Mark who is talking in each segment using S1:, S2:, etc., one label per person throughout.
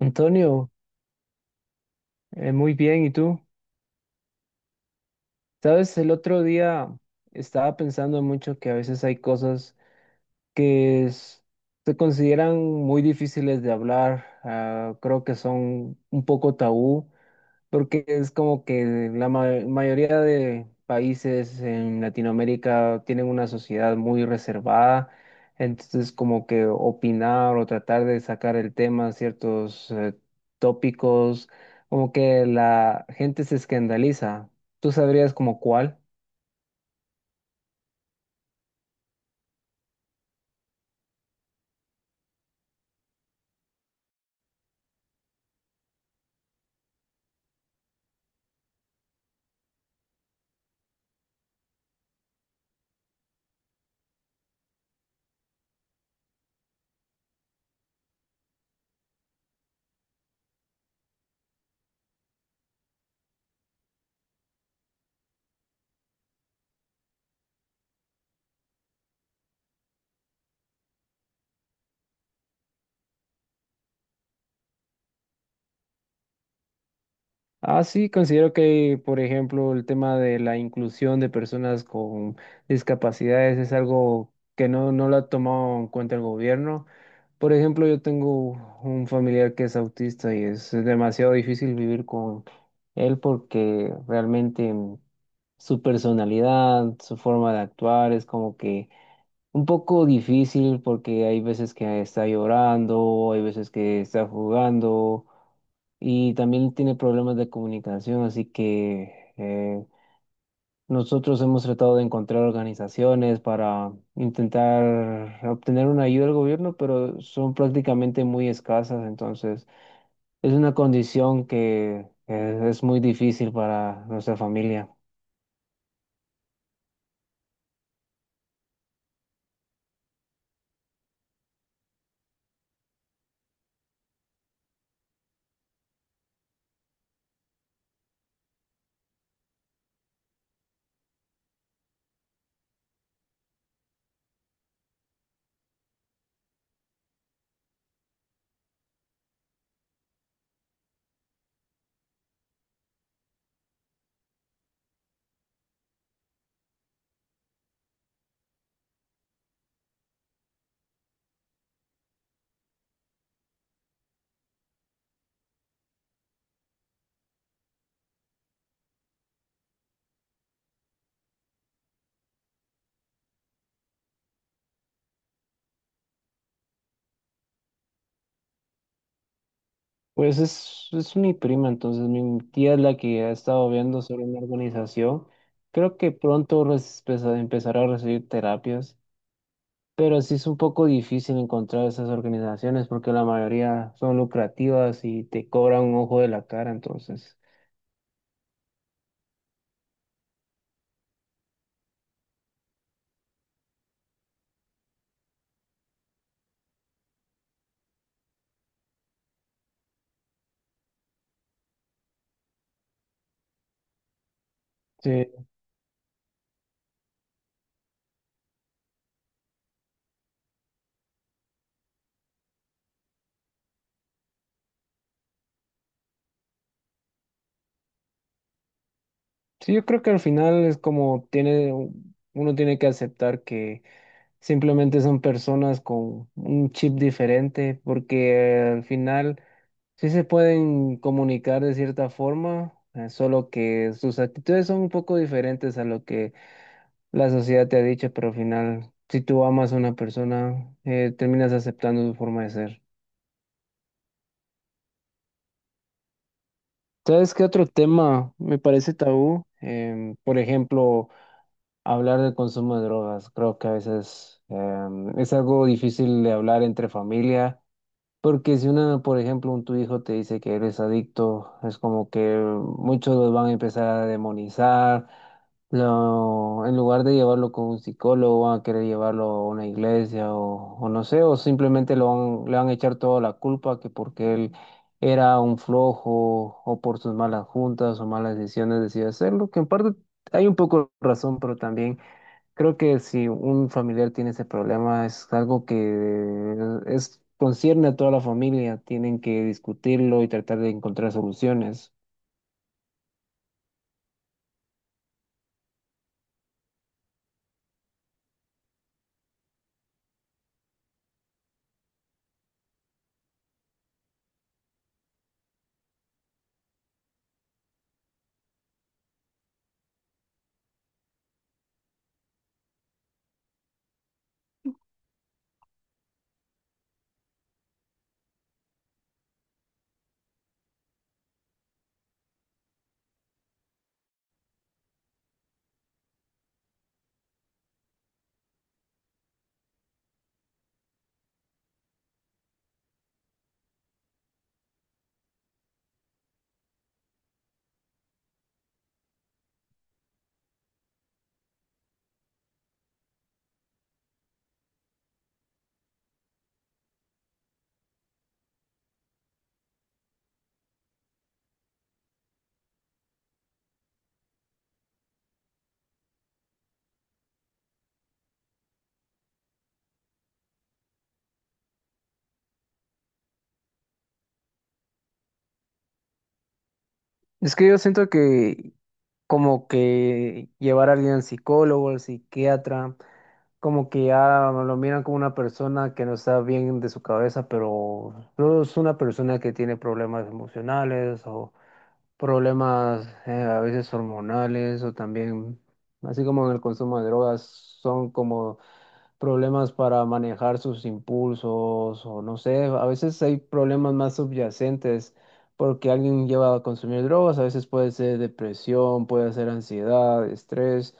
S1: Antonio, muy bien, ¿y tú? Sabes, el otro día estaba pensando mucho que a veces hay cosas que es- se consideran muy difíciles de hablar. Creo que son un poco tabú, porque es como que mayoría de países en Latinoamérica tienen una sociedad muy reservada, entonces como que opinar o tratar de sacar el tema, ciertos tópicos, como que la gente se escandaliza. ¿Tú sabrías como cuál? Ah, sí, considero que, por ejemplo, el tema de la inclusión de personas con discapacidades es algo que no lo ha tomado en cuenta el gobierno. Por ejemplo, yo tengo un familiar que es autista y es demasiado difícil vivir con él porque realmente su personalidad, su forma de actuar es como que un poco difícil porque hay veces que está llorando, hay veces que está jugando y también tiene problemas de comunicación, así que nosotros hemos tratado de encontrar organizaciones para intentar obtener una ayuda del gobierno, pero son prácticamente muy escasas. Entonces es una condición que es muy difícil para nuestra familia. Pues es mi prima, entonces mi tía es la que ha estado viendo sobre una organización. Creo que pronto empezará a recibir terapias. Pero sí es un poco difícil encontrar esas organizaciones porque la mayoría son lucrativas y te cobran un ojo de la cara, entonces. Sí, sí, yo creo que al final uno tiene que aceptar que simplemente son personas con un chip diferente, porque al final sí se pueden comunicar de cierta forma, solo que sus actitudes son un poco diferentes a lo que la sociedad te ha dicho. Pero al final, si tú amas a una persona, terminas aceptando su forma de ser. ¿Sabes qué otro tema me parece tabú? Por ejemplo, hablar del consumo de drogas. Creo que a veces es algo difícil de hablar entre familia. Porque si por ejemplo, un tu hijo te dice que eres adicto, es como que muchos los van a empezar a demonizar. En lugar de llevarlo con un psicólogo, van a querer llevarlo a una iglesia o no sé, o simplemente le van a echar toda la culpa, que porque él era un flojo o por sus malas juntas o malas decisiones decidió hacerlo, que en parte hay un poco de razón, pero también creo que si un familiar tiene ese problema, es algo que concierne a toda la familia. Tienen que discutirlo y tratar de encontrar soluciones. Es que yo siento que como que llevar a alguien al psicólogo, al psiquiatra, como que ya lo miran como una persona que no está bien de su cabeza, pero no es una persona que tiene problemas emocionales o problemas a veces hormonales o también, así como en el consumo de drogas, son como problemas para manejar sus impulsos o no sé, a veces hay problemas más subyacentes porque alguien lleva a consumir drogas, a veces puede ser depresión, puede ser ansiedad, estrés.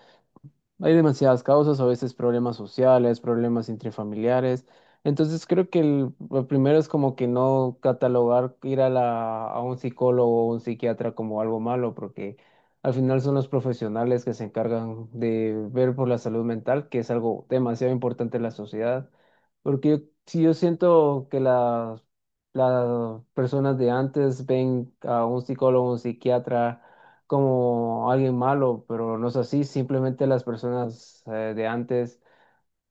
S1: Hay demasiadas causas, a veces problemas sociales, problemas intrafamiliares. Entonces creo que lo primero es como que no catalogar ir a a un psicólogo o un psiquiatra como algo malo, porque al final son los profesionales que se encargan de ver por la salud mental, que es algo demasiado importante en la sociedad. Porque yo- si yo siento que las personas de antes ven a un psicólogo, un psiquiatra, como alguien malo, pero no es así, simplemente las personas de antes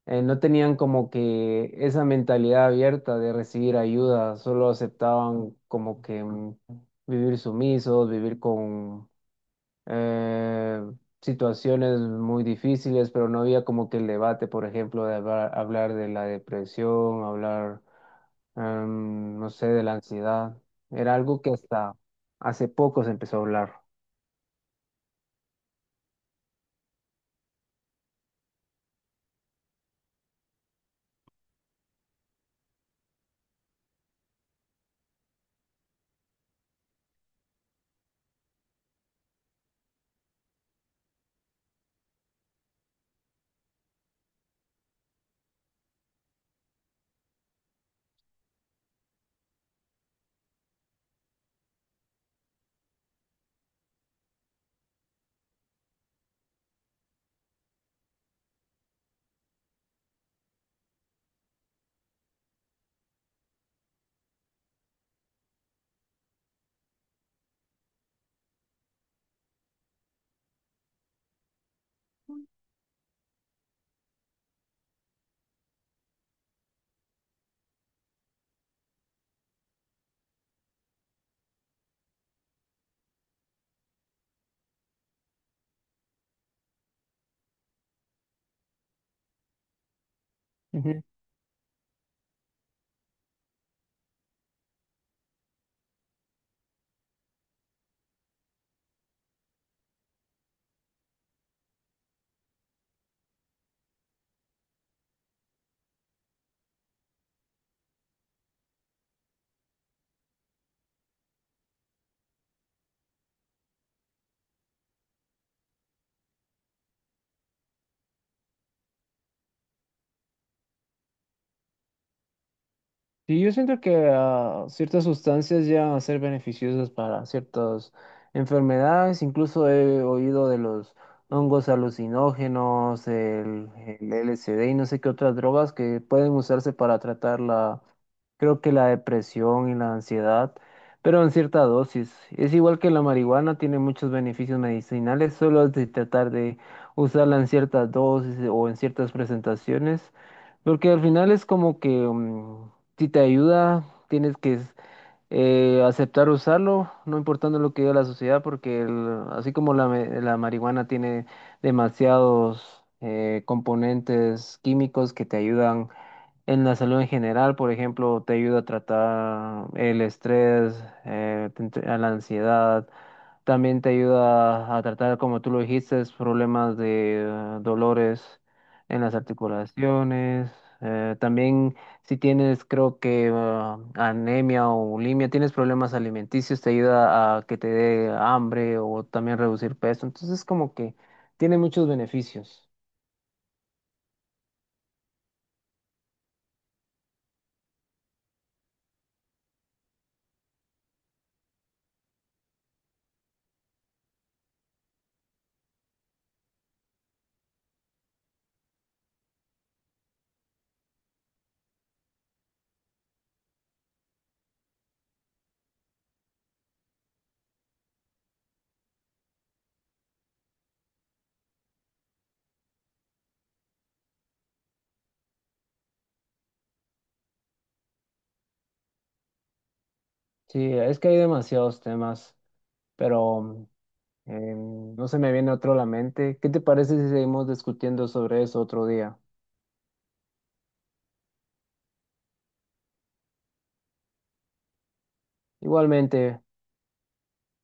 S1: no tenían como que esa mentalidad abierta de recibir ayuda, solo aceptaban como que vivir sumisos, vivir con eh, situaciones muy difíciles, pero no había como que el debate, por ejemplo, de hablar, hablar de la depresión, hablar, no sé, de la ansiedad. Era algo que hasta hace poco se empezó a hablar. Sí, yo siento que ciertas sustancias llegan a ser beneficiosas para ciertas enfermedades. Incluso he oído de los hongos alucinógenos, el LSD y no sé qué otras drogas que pueden usarse para tratar creo que la depresión y la ansiedad, pero en cierta dosis. Es igual que la marihuana, tiene muchos beneficios medicinales, solo es de tratar de usarla en ciertas dosis o en ciertas presentaciones. Porque al final es como que si te ayuda, tienes que aceptar usarlo, no importando lo que diga la sociedad, porque así como la marihuana tiene demasiados componentes químicos que te ayudan en la salud en general. Por ejemplo, te ayuda a tratar el estrés, a la ansiedad, también te ayuda a tratar, como tú lo dijiste, problemas de dolores en las articulaciones. También si tienes, creo que anemia o bulimia, tienes problemas alimenticios, te ayuda a que te dé hambre o también reducir peso. Entonces, como que tiene muchos beneficios. Sí, es que hay demasiados temas, pero no se me viene otro a la mente. ¿Qué te parece si seguimos discutiendo sobre eso otro día? Igualmente.